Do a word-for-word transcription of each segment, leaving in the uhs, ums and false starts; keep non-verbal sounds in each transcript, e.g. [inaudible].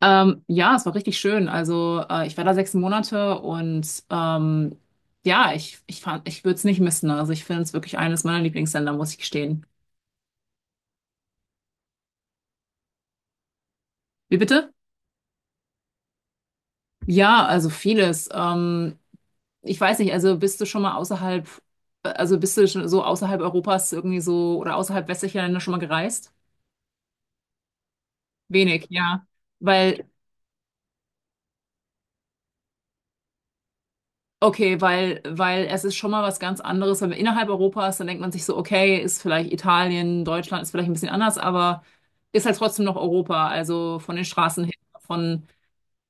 Ähm, ja, es war richtig schön. Also äh, ich war da sechs Monate und ähm, ja, ich, ich fand, ich würde es nicht missen. Also ich finde es wirklich eines meiner Lieblingsländer, muss ich gestehen. Wie bitte? Ja, also vieles. Ähm, ich weiß nicht, also bist du schon mal außerhalb, also bist du schon so außerhalb Europas irgendwie so oder außerhalb westlicher Länder schon mal gereist? Wenig, ja. Weil. Okay, weil, weil es ist schon mal was ganz anderes. Wenn man innerhalb Europas, dann denkt man sich so, okay, ist vielleicht Italien, Deutschland ist vielleicht ein bisschen anders, aber ist halt trotzdem noch Europa. Also von den Straßen her, von,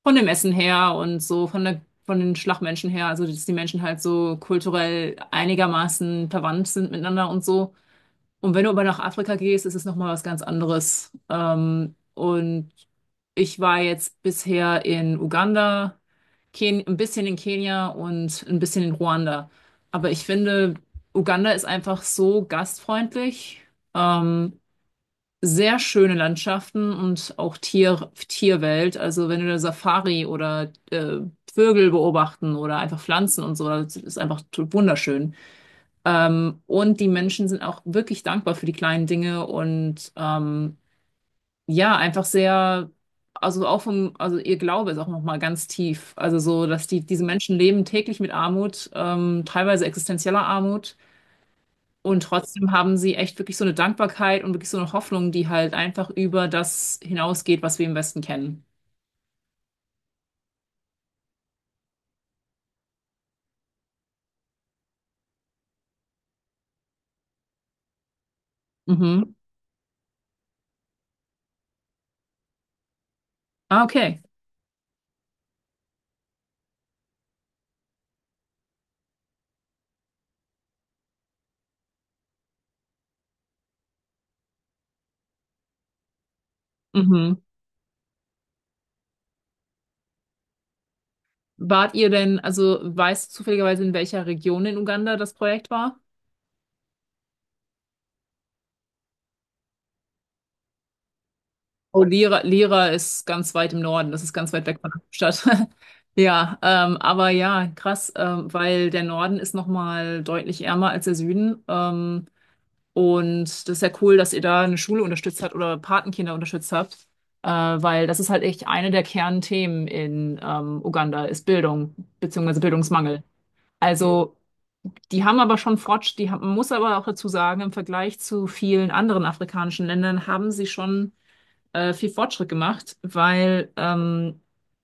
von dem Essen her und so, von der, von den Schlagmenschen her. Also, dass die Menschen halt so kulturell einigermaßen verwandt sind miteinander und so. Und wenn du aber nach Afrika gehst, ist es nochmal was ganz anderes. Ähm, und ich war jetzt bisher in Uganda, Ken ein bisschen in Kenia und ein bisschen in Ruanda. Aber ich finde, Uganda ist einfach so gastfreundlich, ähm, sehr schöne Landschaften und auch Tier Tierwelt. Also wenn du eine Safari oder äh, Vögel beobachten oder einfach Pflanzen und so, das ist einfach t- wunderschön. Ähm, und die Menschen sind auch wirklich dankbar für die kleinen Dinge und ähm, ja, einfach sehr, also auch vom, also ihr Glaube ist auch nochmal ganz tief. Also so, dass die, diese Menschen leben täglich mit Armut, ähm, teilweise existenzieller Armut. Und trotzdem haben sie echt wirklich so eine Dankbarkeit und wirklich so eine Hoffnung, die halt einfach über das hinausgeht, was wir im Westen kennen. Mhm. Ah, okay. Mhm. Wart ihr denn, also weißt du zufälligerweise, in welcher Region in Uganda das Projekt war? Oh, Lira, Lira ist ganz weit im Norden, das ist ganz weit weg von der Stadt. [laughs] Ja, ähm, aber ja, krass, ähm, weil der Norden ist nochmal deutlich ärmer als der Süden. Ähm, und das ist ja cool, dass ihr da eine Schule unterstützt habt oder Patenkinder unterstützt habt, äh, weil das ist halt echt eine der Kernthemen in ähm, Uganda, ist Bildung, beziehungsweise Bildungsmangel. Also, die haben aber schon Fortschritt, die haben, man muss aber auch dazu sagen, im Vergleich zu vielen anderen afrikanischen Ländern haben sie schon äh, viel Fortschritt gemacht, weil ähm,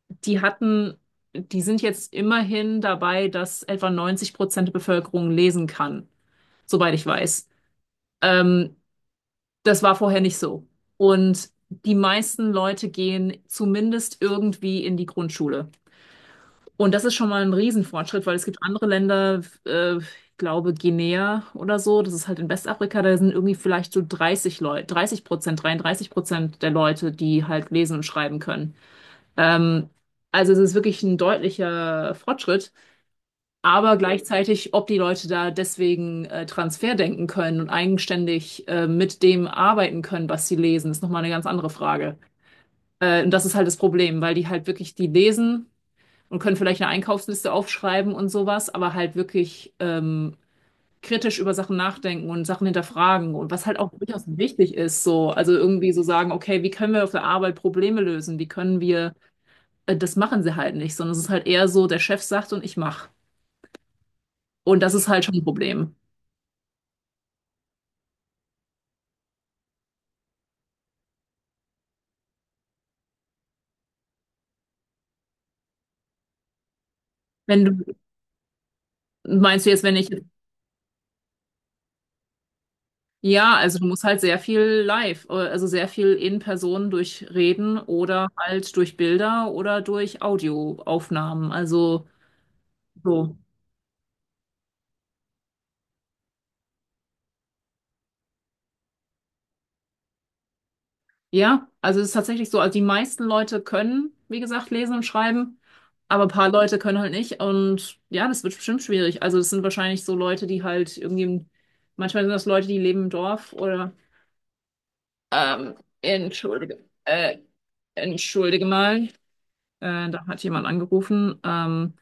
die hatten, die sind jetzt immerhin dabei, dass etwa neunzig Prozent der Bevölkerung lesen kann, soweit ich weiß. Ähm, Das war vorher nicht so. Und die meisten Leute gehen zumindest irgendwie in die Grundschule. Und das ist schon mal ein Riesenfortschritt, weil es gibt andere Länder, äh, ich glaube Guinea oder so, das ist halt in Westafrika, da sind irgendwie vielleicht so dreißig Leute, dreißig Prozent, dreiunddreißig Prozent der Leute, die halt lesen und schreiben können. Ähm, also es ist wirklich ein deutlicher Fortschritt, aber gleichzeitig, ob die Leute da deswegen äh, Transfer denken können und eigenständig äh, mit dem arbeiten können, was sie lesen, ist nochmal eine ganz andere Frage. Äh, und das ist halt das Problem, weil die halt wirklich die lesen und können vielleicht eine Einkaufsliste aufschreiben und sowas, aber halt wirklich ähm, kritisch über Sachen nachdenken und Sachen hinterfragen und was halt auch durchaus wichtig ist, so, also irgendwie so sagen, okay, wie können wir auf der Arbeit Probleme lösen? Wie können wir äh, Das machen sie halt nicht, sondern es ist halt eher so, der Chef sagt und ich mache. Und das ist halt schon ein Problem. Wenn du, Meinst du jetzt, wenn ich, ja, also du musst halt sehr viel live, äh, also sehr viel in Person durch Reden oder halt durch Bilder oder durch Audioaufnahmen. Also so. Ja, also es ist tatsächlich so, also die meisten Leute können, wie gesagt, lesen und schreiben, aber ein paar Leute können halt nicht und ja, das wird bestimmt schwierig. Also es sind wahrscheinlich so Leute, die halt irgendwie, im- manchmal sind das Leute, die leben im Dorf oder. Ähm, entschuldige, äh, Entschuldige mal, äh, da hat jemand angerufen. Ähm,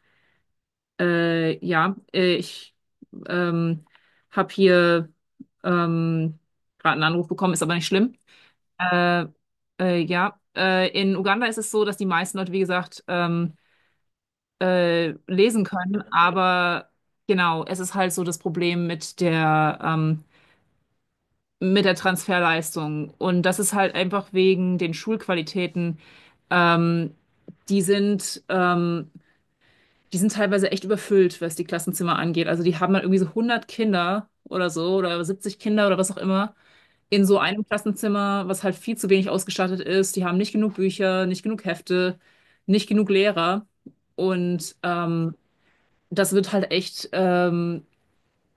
äh, Ja, äh, ich ähm, habe hier ähm, gerade einen Anruf bekommen, ist aber nicht schlimm. Äh, äh, ja, äh, in Uganda ist es so, dass die meisten Leute, wie gesagt, ähm, äh, lesen können, aber genau, es ist halt so das Problem mit der ähm, mit der Transferleistung. Und das ist halt einfach wegen den Schulqualitäten. Ähm, die sind, ähm, die sind teilweise echt überfüllt, was die Klassenzimmer angeht. Also die haben dann irgendwie so hundert Kinder oder so oder siebzig Kinder oder was auch immer in so einem Klassenzimmer, was halt viel zu wenig ausgestattet ist. Die haben nicht genug Bücher, nicht genug Hefte, nicht genug Lehrer. Und ähm, Das wird halt echt, ähm,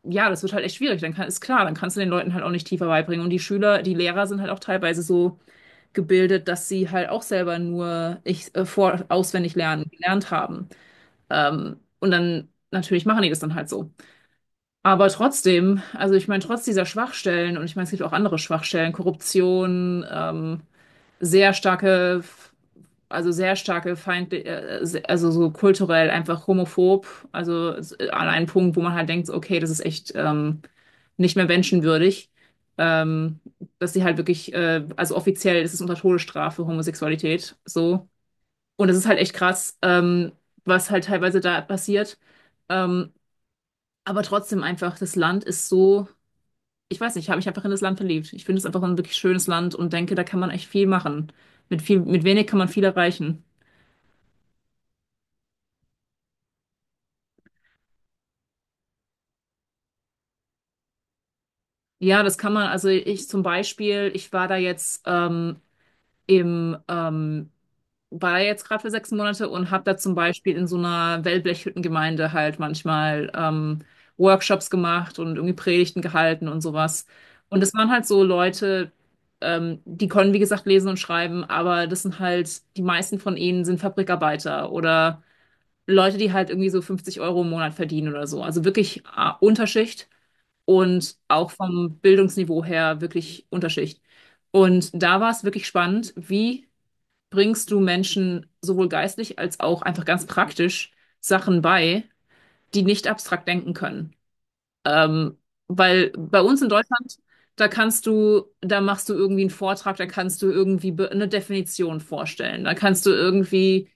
ja, das wird halt echt schwierig. Dann kann, ist klar, dann kannst du den Leuten halt auch nicht tiefer beibringen. Und die Schüler, die Lehrer sind halt auch teilweise so gebildet, dass sie halt auch selber nur ich, äh, vor, auswendig lernen, gelernt haben. Ähm, und dann natürlich machen die das dann halt so. Aber trotzdem, also ich meine, trotz dieser Schwachstellen, und ich meine, es gibt auch andere Schwachstellen, Korruption, ähm, sehr starke, also sehr starke Feind, äh, se- also so kulturell einfach homophob, also s- an einen Punkt, wo man halt denkt, so, okay, das ist echt ähm, nicht mehr menschenwürdig, ähm, dass sie halt wirklich, äh, also offiziell ist es unter Todesstrafe Homosexualität, so. Und es ist halt echt krass, ähm, was halt teilweise da passiert. Ähm, aber trotzdem einfach, das Land ist so, ich weiß nicht, ich habe mich einfach in das Land verliebt. Ich finde es einfach ein wirklich schönes Land und denke, da kann man echt viel machen. Mit viel, mit wenig kann man viel erreichen. Ja, das kann man. Also ich zum Beispiel, ich war da jetzt ähm, im, ähm, war da jetzt gerade für sechs Monate und habe da zum Beispiel in so einer Wellblechhüttengemeinde halt manchmal ähm, Workshops gemacht und irgendwie Predigten gehalten und sowas. Und das waren halt so Leute, ähm, die können, wie gesagt, lesen und schreiben, aber das sind halt, die meisten von ihnen sind Fabrikarbeiter oder Leute, die halt irgendwie so fünfzig Euro im Monat verdienen oder so. Also wirklich äh, Unterschicht und auch vom Bildungsniveau her wirklich Unterschicht. Und da war es wirklich spannend, wie bringst du Menschen sowohl geistlich als auch einfach ganz praktisch Sachen bei, die nicht abstrakt denken können. Ähm, Weil bei uns in Deutschland, da kannst du, da machst du irgendwie einen Vortrag, da kannst du irgendwie be- eine Definition vorstellen, da kannst du irgendwie,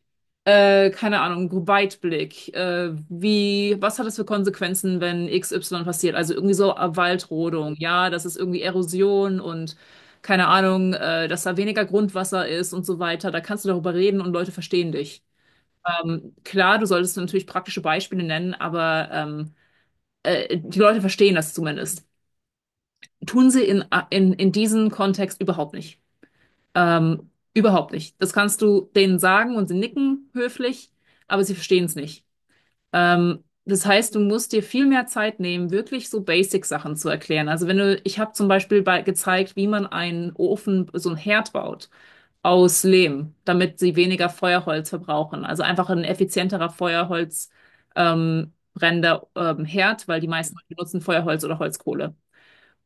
äh, keine Ahnung, Weitblick, äh, wie, was hat das für Konsequenzen, wenn X Y passiert? Also irgendwie so äh, Waldrodung, ja, das ist irgendwie Erosion und keine Ahnung, äh, dass da weniger Grundwasser ist und so weiter. Da kannst du darüber reden und Leute verstehen dich. Ähm, klar, du solltest natürlich praktische Beispiele nennen, aber ähm, äh, die Leute verstehen das zumindest. Tun sie in, äh, in, in diesem Kontext überhaupt nicht. Ähm, überhaupt nicht. Das kannst du denen sagen und sie nicken höflich, aber sie verstehen es nicht. Ähm, das heißt, du musst dir viel mehr Zeit nehmen, wirklich so Basic-Sachen zu erklären. Also wenn du, ich habe zum Beispiel bei, gezeigt, wie man einen Ofen, so einen Herd baut aus Lehm, damit sie weniger Feuerholz verbrauchen. Also einfach ein effizienterer Feuerholz ähm, brennender ähm, Herd, weil die meisten benutzen Feuerholz oder Holzkohle.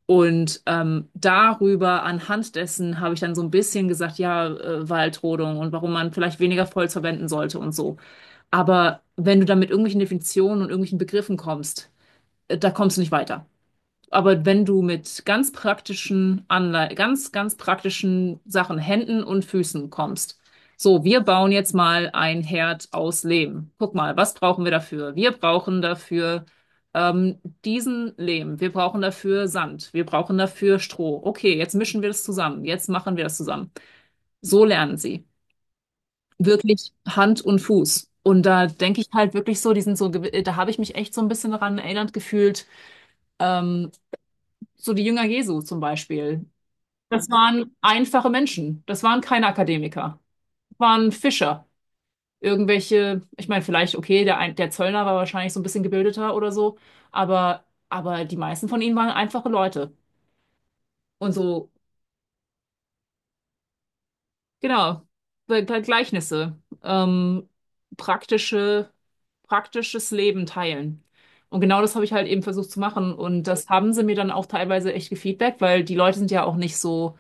Und ähm, darüber, anhand dessen, habe ich dann so ein bisschen gesagt, ja, äh, Waldrodung und warum man vielleicht weniger Holz verwenden sollte und so. Aber wenn du dann mit irgendwelchen Definitionen und irgendwelchen Begriffen kommst, äh, da kommst du nicht weiter. Aber wenn du mit ganz praktischen Anlei ganz, ganz praktischen Sachen, Händen und Füßen kommst, so, wir bauen jetzt mal ein Herd aus Lehm. Guck mal, was brauchen wir dafür? Wir brauchen dafür ähm, diesen Lehm. Wir brauchen dafür Sand. Wir brauchen dafür Stroh. Okay, jetzt mischen wir das zusammen. Jetzt machen wir das zusammen. So lernen sie. Wirklich Hand und Fuß. Und da denke ich halt wirklich so, die sind so, gew- da habe ich mich echt so ein bisschen daran erinnert gefühlt. Ähm, so die Jünger Jesu zum Beispiel. Das waren einfache Menschen. Das waren keine Akademiker. Das waren Fischer. Irgendwelche, ich meine, vielleicht, okay, der, ein- der Zöllner war wahrscheinlich so ein bisschen gebildeter oder so, aber, aber die meisten von ihnen waren einfache Leute. Und so, genau, Be- Be- Gleichnisse, ähm, praktische, praktisches Leben teilen. Und genau das habe ich halt eben versucht zu machen. Und das haben sie mir dann auch teilweise echt gefeedbackt, weil die Leute sind ja auch nicht so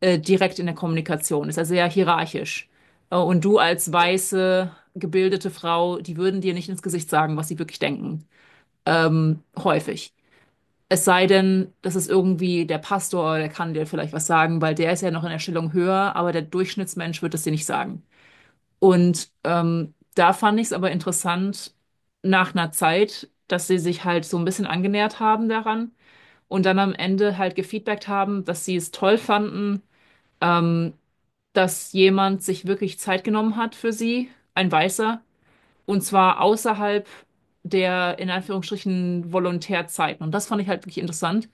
äh, direkt in der Kommunikation ist, also sehr hierarchisch. Äh, und du als weiße, gebildete Frau, die würden dir nicht ins Gesicht sagen, was sie wirklich denken. Ähm, häufig. Es sei denn, das ist irgendwie der Pastor, der kann dir vielleicht was sagen, weil der ist ja noch in der Stellung höher, aber der Durchschnittsmensch wird es dir nicht sagen. Und ähm, da fand ich es aber interessant, nach einer Zeit, dass sie sich halt so ein bisschen angenähert haben daran und dann am Ende halt gefeedbackt haben, dass sie es toll fanden, ähm, dass jemand sich wirklich Zeit genommen hat für sie, ein Weißer, und zwar außerhalb der in Anführungsstrichen Volontärzeiten. Und das fand ich halt wirklich interessant,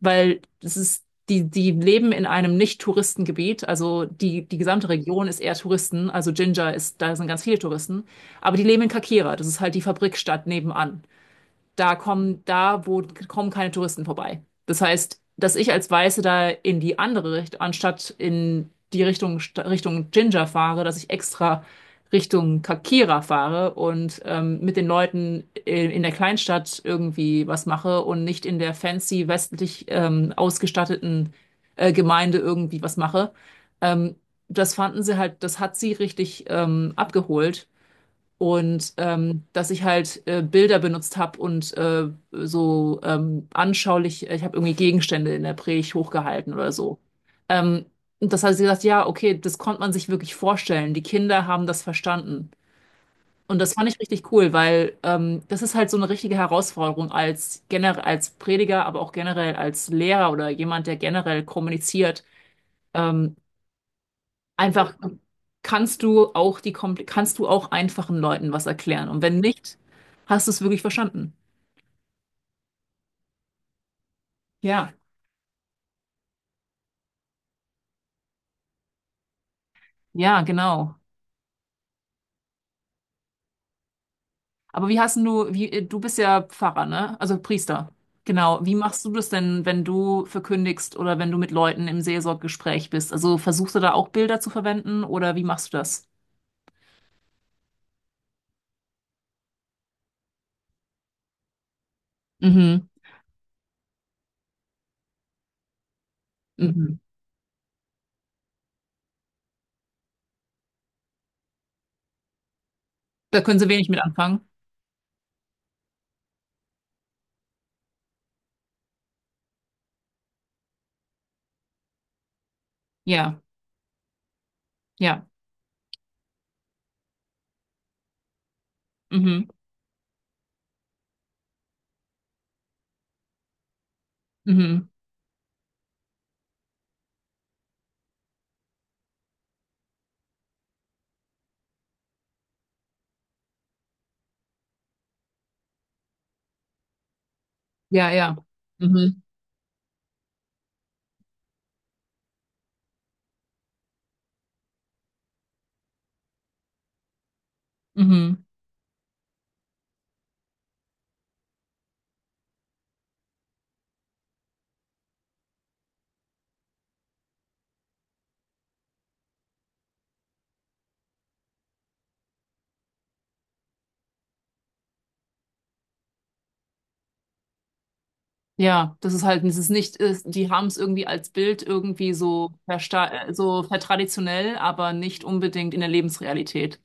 weil das ist, die, die leben in einem Nicht-Touristengebiet, also die, die gesamte Region ist eher Touristen, also Jinja ist, da sind ganz viele Touristen, aber die leben in Kakira, das ist halt die Fabrikstadt nebenan, da kommen, da wo kommen keine Touristen vorbei. Das heißt, dass ich als Weiße da in die andere Richtung, anstatt in die Richtung, St- Richtung Jinja fahre, dass ich extra Richtung Kakira fahre und ähm, mit den Leuten in, in der Kleinstadt irgendwie was mache und nicht in der fancy westlich ähm, ausgestatteten äh, Gemeinde irgendwie was mache. Ähm, Das fanden sie halt, das hat sie richtig ähm, abgeholt und ähm, dass ich halt äh, Bilder benutzt habe und äh, so ähm, anschaulich, äh, ich habe irgendwie Gegenstände in der Predigt hochgehalten oder so. Ähm, und das hat sie gesagt, ja, okay, das konnte man sich wirklich vorstellen. Die Kinder haben das verstanden. Und das fand ich richtig cool, weil ähm, das ist halt so eine richtige Herausforderung als generell als Prediger, aber auch generell als Lehrer oder jemand, der generell kommuniziert. Ähm, Einfach kannst du auch die kompl kannst du auch einfachen Leuten was erklären. Und wenn nicht, hast du es wirklich verstanden. Ja, ja, genau. Aber wie hast denn du, wie, äh, du bist ja Pfarrer, ne? Also Priester. Genau. Wie machst du das denn, wenn du verkündigst oder wenn du mit Leuten im Seelsorggespräch bist? Also versuchst du da auch Bilder zu verwenden oder wie machst du das? Mhm. Mhm. Da können sie wenig mit anfangen. Ja, ja. Mhm. Mhm. Ja, ja. Mhm. Mhm. Ja, das ist halt, das ist nicht, ist, die haben es irgendwie als Bild irgendwie so, versta- äh, so vertraditionell, aber nicht unbedingt in der Lebensrealität.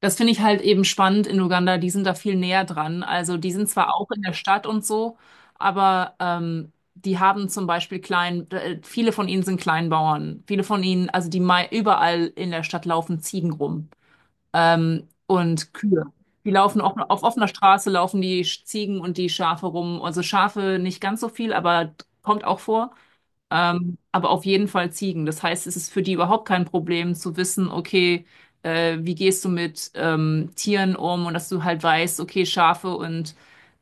Das finde ich halt eben spannend in Uganda, die sind da viel näher dran. Also die sind zwar auch in der Stadt und so, aber ähm, die haben zum Beispiel klein, äh, viele von ihnen sind Kleinbauern, viele von ihnen, also die mei- überall in der Stadt laufen Ziegen rum. Ähm, und Kühe. Die laufen auch auf offener Straße, laufen die Sch- Ziegen und die Schafe rum. Also Schafe nicht ganz so viel, aber kommt auch vor. Ähm, aber auf jeden Fall Ziegen. Das heißt, es ist für die überhaupt kein Problem zu wissen, okay, äh, wie gehst du mit ähm, Tieren um und dass du halt weißt, okay, Schafe und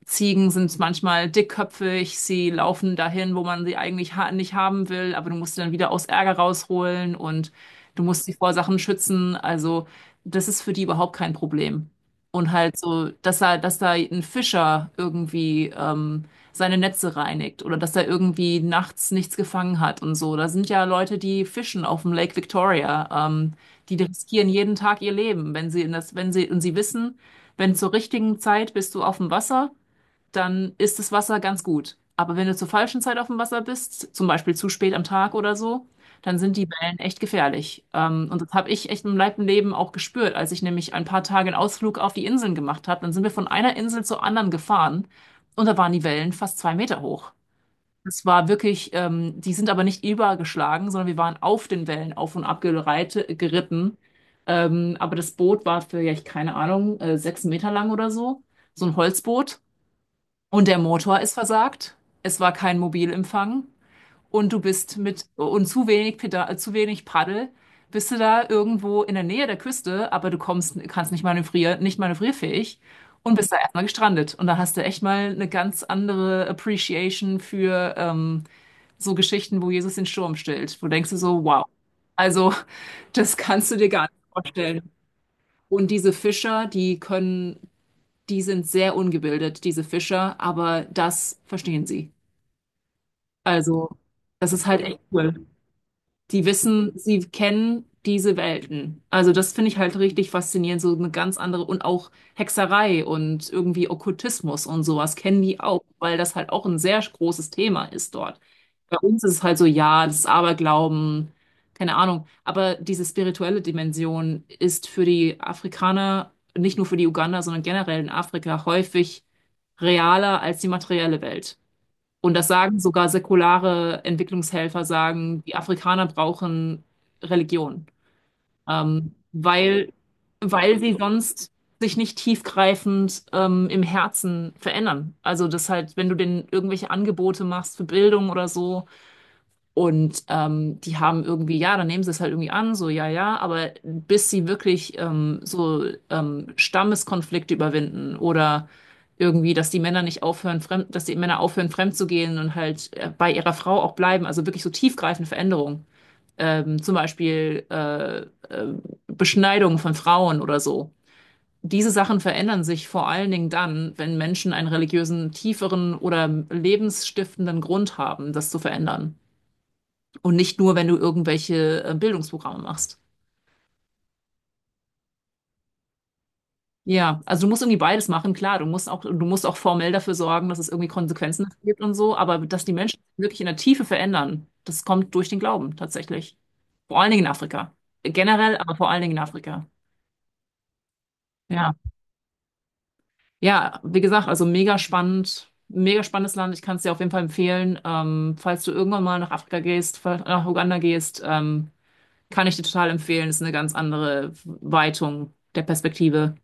Ziegen sind manchmal dickköpfig, sie laufen dahin, wo man sie eigentlich ha nicht haben will, aber du musst sie dann wieder aus Ärger rausholen und du musst sie vor Sachen schützen. Also das ist für die überhaupt kein Problem. Und halt so, dass er, dass da ein Fischer irgendwie ähm, seine Netze reinigt oder dass er irgendwie nachts nichts gefangen hat und so. Da sind ja Leute, die fischen auf dem Lake Victoria. Ähm, die riskieren jeden Tag ihr Leben, wenn sie in das, wenn sie, und sie wissen, wenn zur richtigen Zeit bist du auf dem Wasser, dann ist das Wasser ganz gut. Aber wenn du zur falschen Zeit auf dem Wasser bist, zum Beispiel zu spät am Tag oder so, dann sind die Wellen echt gefährlich. Ähm, und das habe ich echt im Leib und Leben auch gespürt, als ich nämlich ein paar Tage einen Ausflug auf die Inseln gemacht habe. Dann sind wir von einer Insel zur anderen gefahren und da waren die Wellen fast zwei Meter hoch. Das war wirklich, ähm, die sind aber nicht übergeschlagen, sondern wir waren auf den Wellen auf und ab gereite, geritten. Ähm, aber das Boot war für, ja, ich keine Ahnung, äh, sechs Meter lang oder so. So ein Holzboot. Und der Motor ist versagt. Es war kein Mobilempfang. Und du bist mit und zu wenig Peda zu wenig Paddel, bist du da irgendwo in der Nähe der Küste, aber du kommst, kannst nicht manövrieren, nicht manövrierfähig und bist da erstmal gestrandet. Und da hast du echt mal eine ganz andere Appreciation für ähm, so Geschichten, wo Jesus den Sturm stillt. Wo denkst du so, wow. Also, das kannst du dir gar nicht vorstellen. Und diese Fischer, die können die sind sehr ungebildet, diese Fischer, aber das verstehen sie. Also, das ist halt echt cool. Die wissen, sie kennen diese Welten. Also das finde ich halt richtig faszinierend, so eine ganz andere und auch Hexerei und irgendwie Okkultismus und sowas kennen die auch, weil das halt auch ein sehr großes Thema ist dort. Bei uns ist es halt so, ja, das ist Aberglauben, keine Ahnung, aber diese spirituelle Dimension ist für die Afrikaner, nicht nur für die Uganda, sondern generell in Afrika häufig realer als die materielle Welt. Und das sagen sogar säkulare Entwicklungshelfer, sagen, die Afrikaner brauchen Religion, ähm, weil, weil sie sonst sich nicht tiefgreifend ähm, im Herzen verändern. Also das halt, wenn du denen irgendwelche Angebote machst für Bildung oder so, und ähm, die haben irgendwie, ja, dann nehmen sie es halt irgendwie an, so ja, ja, aber bis sie wirklich ähm, so ähm, Stammeskonflikte überwinden oder irgendwie, dass die Männer nicht aufhören, fremd, dass die Männer aufhören, fremd zu gehen und halt äh, bei ihrer Frau auch bleiben, also wirklich so tiefgreifende Veränderungen. Ähm, zum Beispiel äh, äh, Beschneidung von Frauen oder so. Diese Sachen verändern sich vor allen Dingen dann, wenn Menschen einen religiösen, tieferen oder lebensstiftenden Grund haben, das zu verändern. Und nicht nur, wenn du irgendwelche äh, Bildungsprogramme machst. Ja, also du musst irgendwie beides machen, klar. Du musst auch, du musst auch formell dafür sorgen, dass es irgendwie Konsequenzen dafür gibt und so, aber dass die Menschen wirklich in der Tiefe verändern, das kommt durch den Glauben tatsächlich. Vor allen Dingen in Afrika. Generell, aber vor allen Dingen in Afrika. Ja. Ja, wie gesagt, also mega spannend, mega spannendes Land. Ich kann es dir auf jeden Fall empfehlen. Ähm, falls du irgendwann mal nach Afrika gehst, fall- nach Uganda gehst, ähm, kann ich dir total empfehlen. Ist eine ganz andere Weitung der Perspektive.